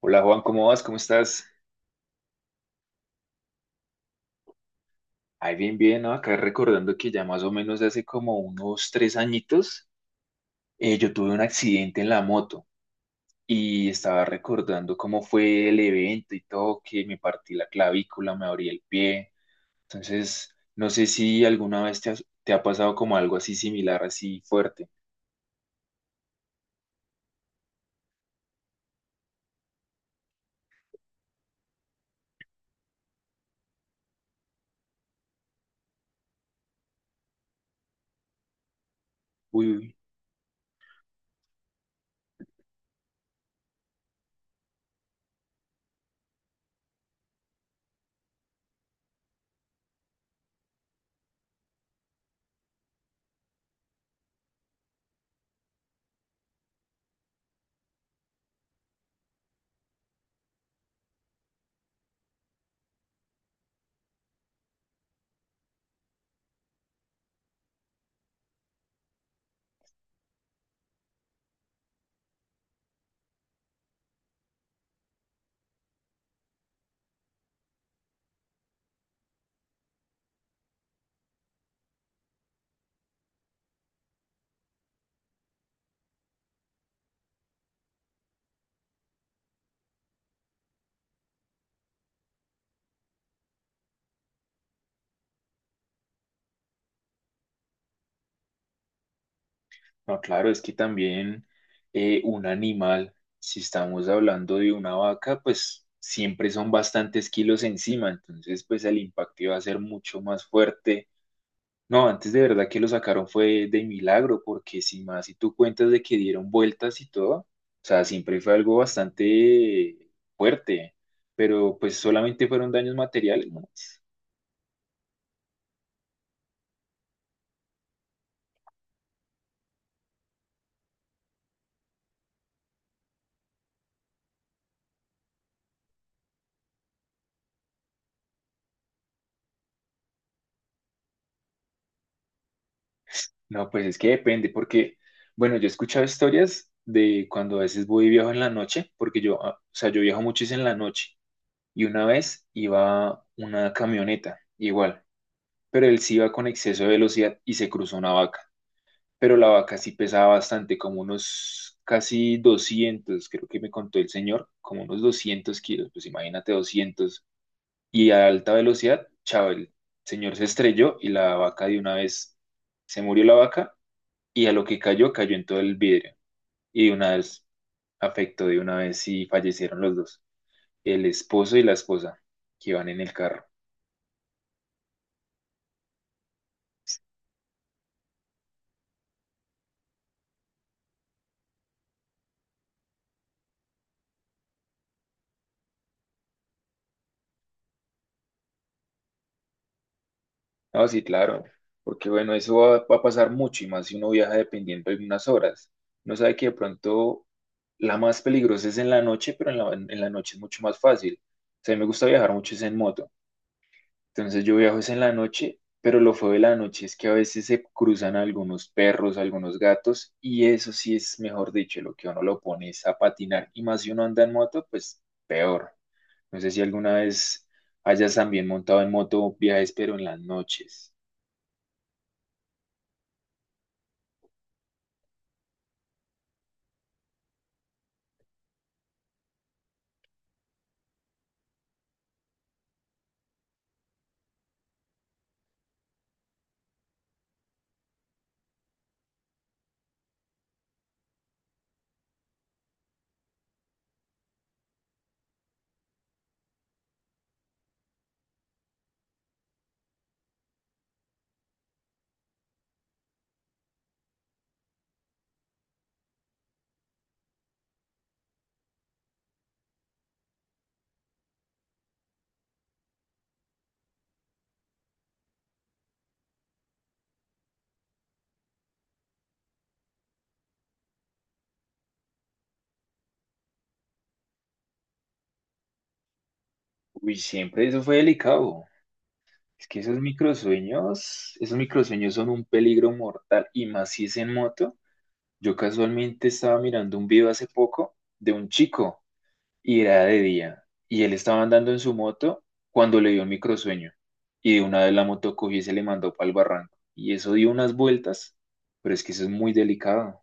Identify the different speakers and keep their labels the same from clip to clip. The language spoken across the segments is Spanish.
Speaker 1: Hola Juan, ¿cómo vas? ¿Cómo estás? Ay, bien, bien, ¿no? Acá recordando que ya más o menos hace como unos 3 añitos yo tuve un accidente en la moto y estaba recordando cómo fue el evento y todo, que me partí la clavícula, me abrí el pie. Entonces, no sé si alguna vez te ha pasado como algo así similar, así fuerte. Uy, uy. No, claro, es que también un animal, si estamos hablando de una vaca, pues siempre son bastantes kilos encima, entonces pues el impacto iba a ser mucho más fuerte. No, antes de verdad que lo sacaron fue de milagro, porque si más, si tú cuentas de que dieron vueltas y todo, o sea, siempre fue algo bastante fuerte, pero pues solamente fueron daños materiales, ¿no? No, pues es que depende, porque, bueno, yo he escuchado historias de cuando a veces voy y viajo en la noche, porque yo, ah, o sea, yo viajo mucho es en la noche, y una vez iba una camioneta, igual, pero él sí iba con exceso de velocidad y se cruzó una vaca, pero la vaca sí pesaba bastante, como unos casi 200 creo que me contó el señor, como unos 200 kilos, pues imagínate 200 y a alta velocidad, chao, el señor se estrelló y la vaca de una vez se murió la vaca y a lo que cayó, cayó en todo el vidrio. Y de una vez afectó, de una vez sí fallecieron los dos, el esposo y la esposa, que iban en el carro. No, sí, claro, porque bueno, eso va a pasar mucho y más si uno viaja dependiendo de unas horas. Uno sabe que de pronto la más peligrosa es en la noche, pero en la noche es mucho más fácil. O sea, a mí me gusta viajar mucho es en moto. Entonces yo viajo es en la noche, pero lo feo de la noche es que a veces se cruzan algunos perros, algunos gatos, y eso sí es, mejor dicho, lo que a uno lo pone es a patinar. Y más si uno anda en moto, pues peor. No sé si alguna vez hayas también montado en moto viajes, pero en las noches. Uy, siempre eso fue delicado. Es que esos microsueños son un peligro mortal, y más si es en moto. Yo casualmente estaba mirando un video hace poco de un chico. Y era de día, y él estaba andando en su moto cuando le dio un microsueño, y de una vez la moto cogió y se le mandó para el barranco, y eso dio unas vueltas, pero es que eso es muy delicado.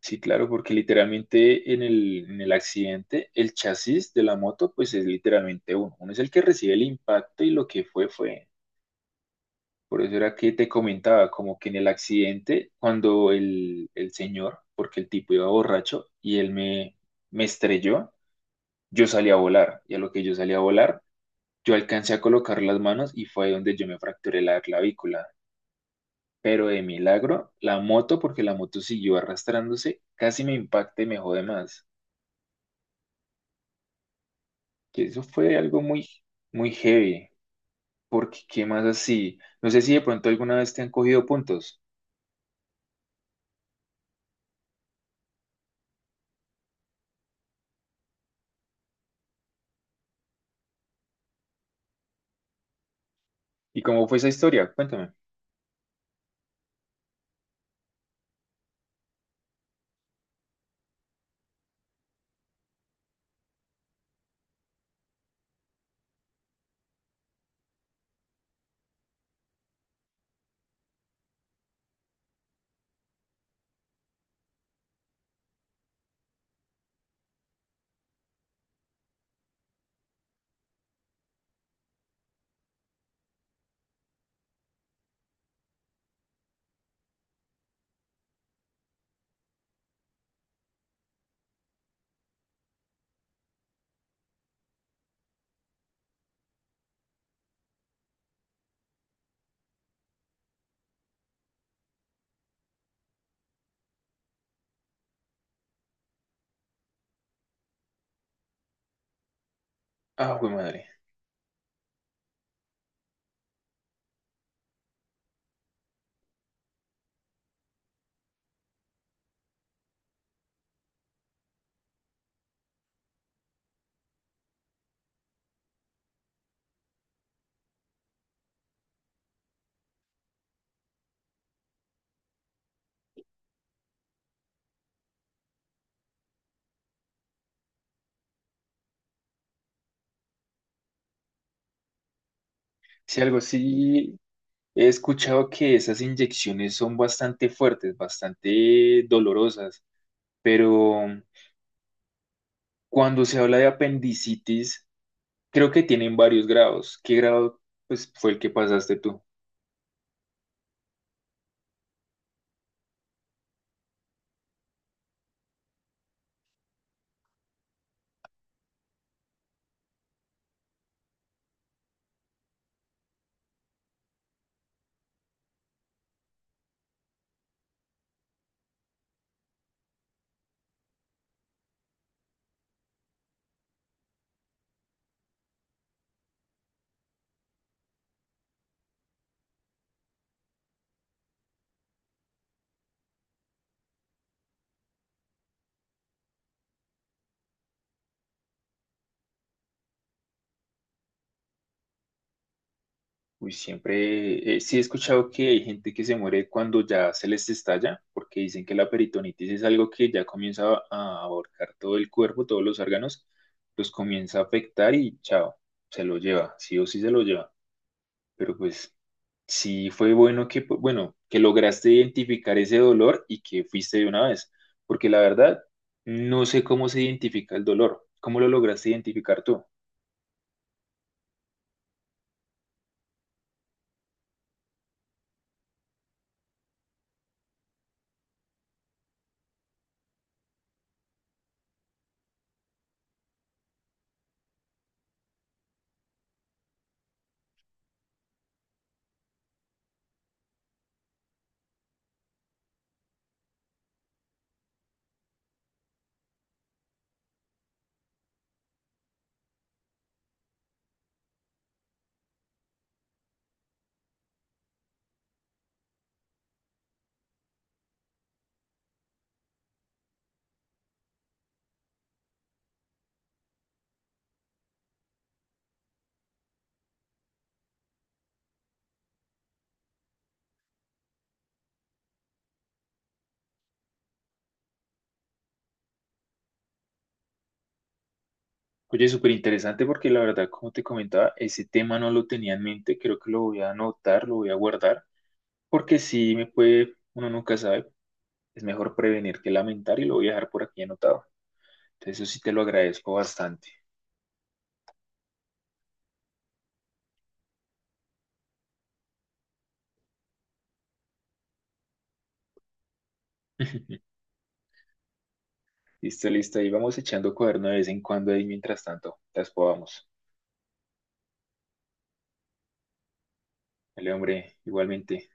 Speaker 1: Sí, claro, porque literalmente en el accidente, el chasis de la moto, pues es literalmente uno. Uno es el que recibe el impacto y lo que fue, fue. Por eso era que te comentaba, como que en el accidente, cuando el señor, porque el tipo iba borracho y él me, me estrelló, yo salí a volar y a lo que yo salí a volar, yo alcancé a colocar las manos y fue ahí donde yo me fracturé la clavícula. Pero de milagro, la moto, porque la moto siguió arrastrándose, casi me impacta y me jode más. Que eso fue algo muy, muy heavy, porque qué más así. No sé si de pronto alguna vez te han cogido puntos. ¿Y cómo fue esa historia? Cuéntame. Ah, güey madre. Si algo sí he escuchado que esas inyecciones son bastante fuertes, bastante dolorosas, pero cuando se habla de apendicitis, creo que tienen varios grados. ¿Qué grado, pues, fue el que pasaste tú? Uy, siempre, sí he escuchado que hay gente que se muere cuando ya se les estalla, porque dicen que la peritonitis es algo que ya comienza a abarcar todo el cuerpo, todos los órganos, los comienza a afectar y chao, se lo lleva, sí o sí se lo lleva. Pero pues sí, fue bueno que, bueno, que lograste identificar ese dolor y que fuiste de una vez, porque la verdad, no sé cómo se identifica el dolor, cómo lo lograste identificar tú. Oye, súper interesante porque la verdad, como te comentaba, ese tema no lo tenía en mente, creo que lo voy a anotar, lo voy a guardar, porque si me puede, uno nunca sabe, es mejor prevenir que lamentar y lo voy a dejar por aquí anotado. Entonces, eso sí te lo agradezco bastante. Listo, listo, ahí vamos echando cuaderno de vez en cuando ahí mientras tanto, las podamos. El hombre, igualmente.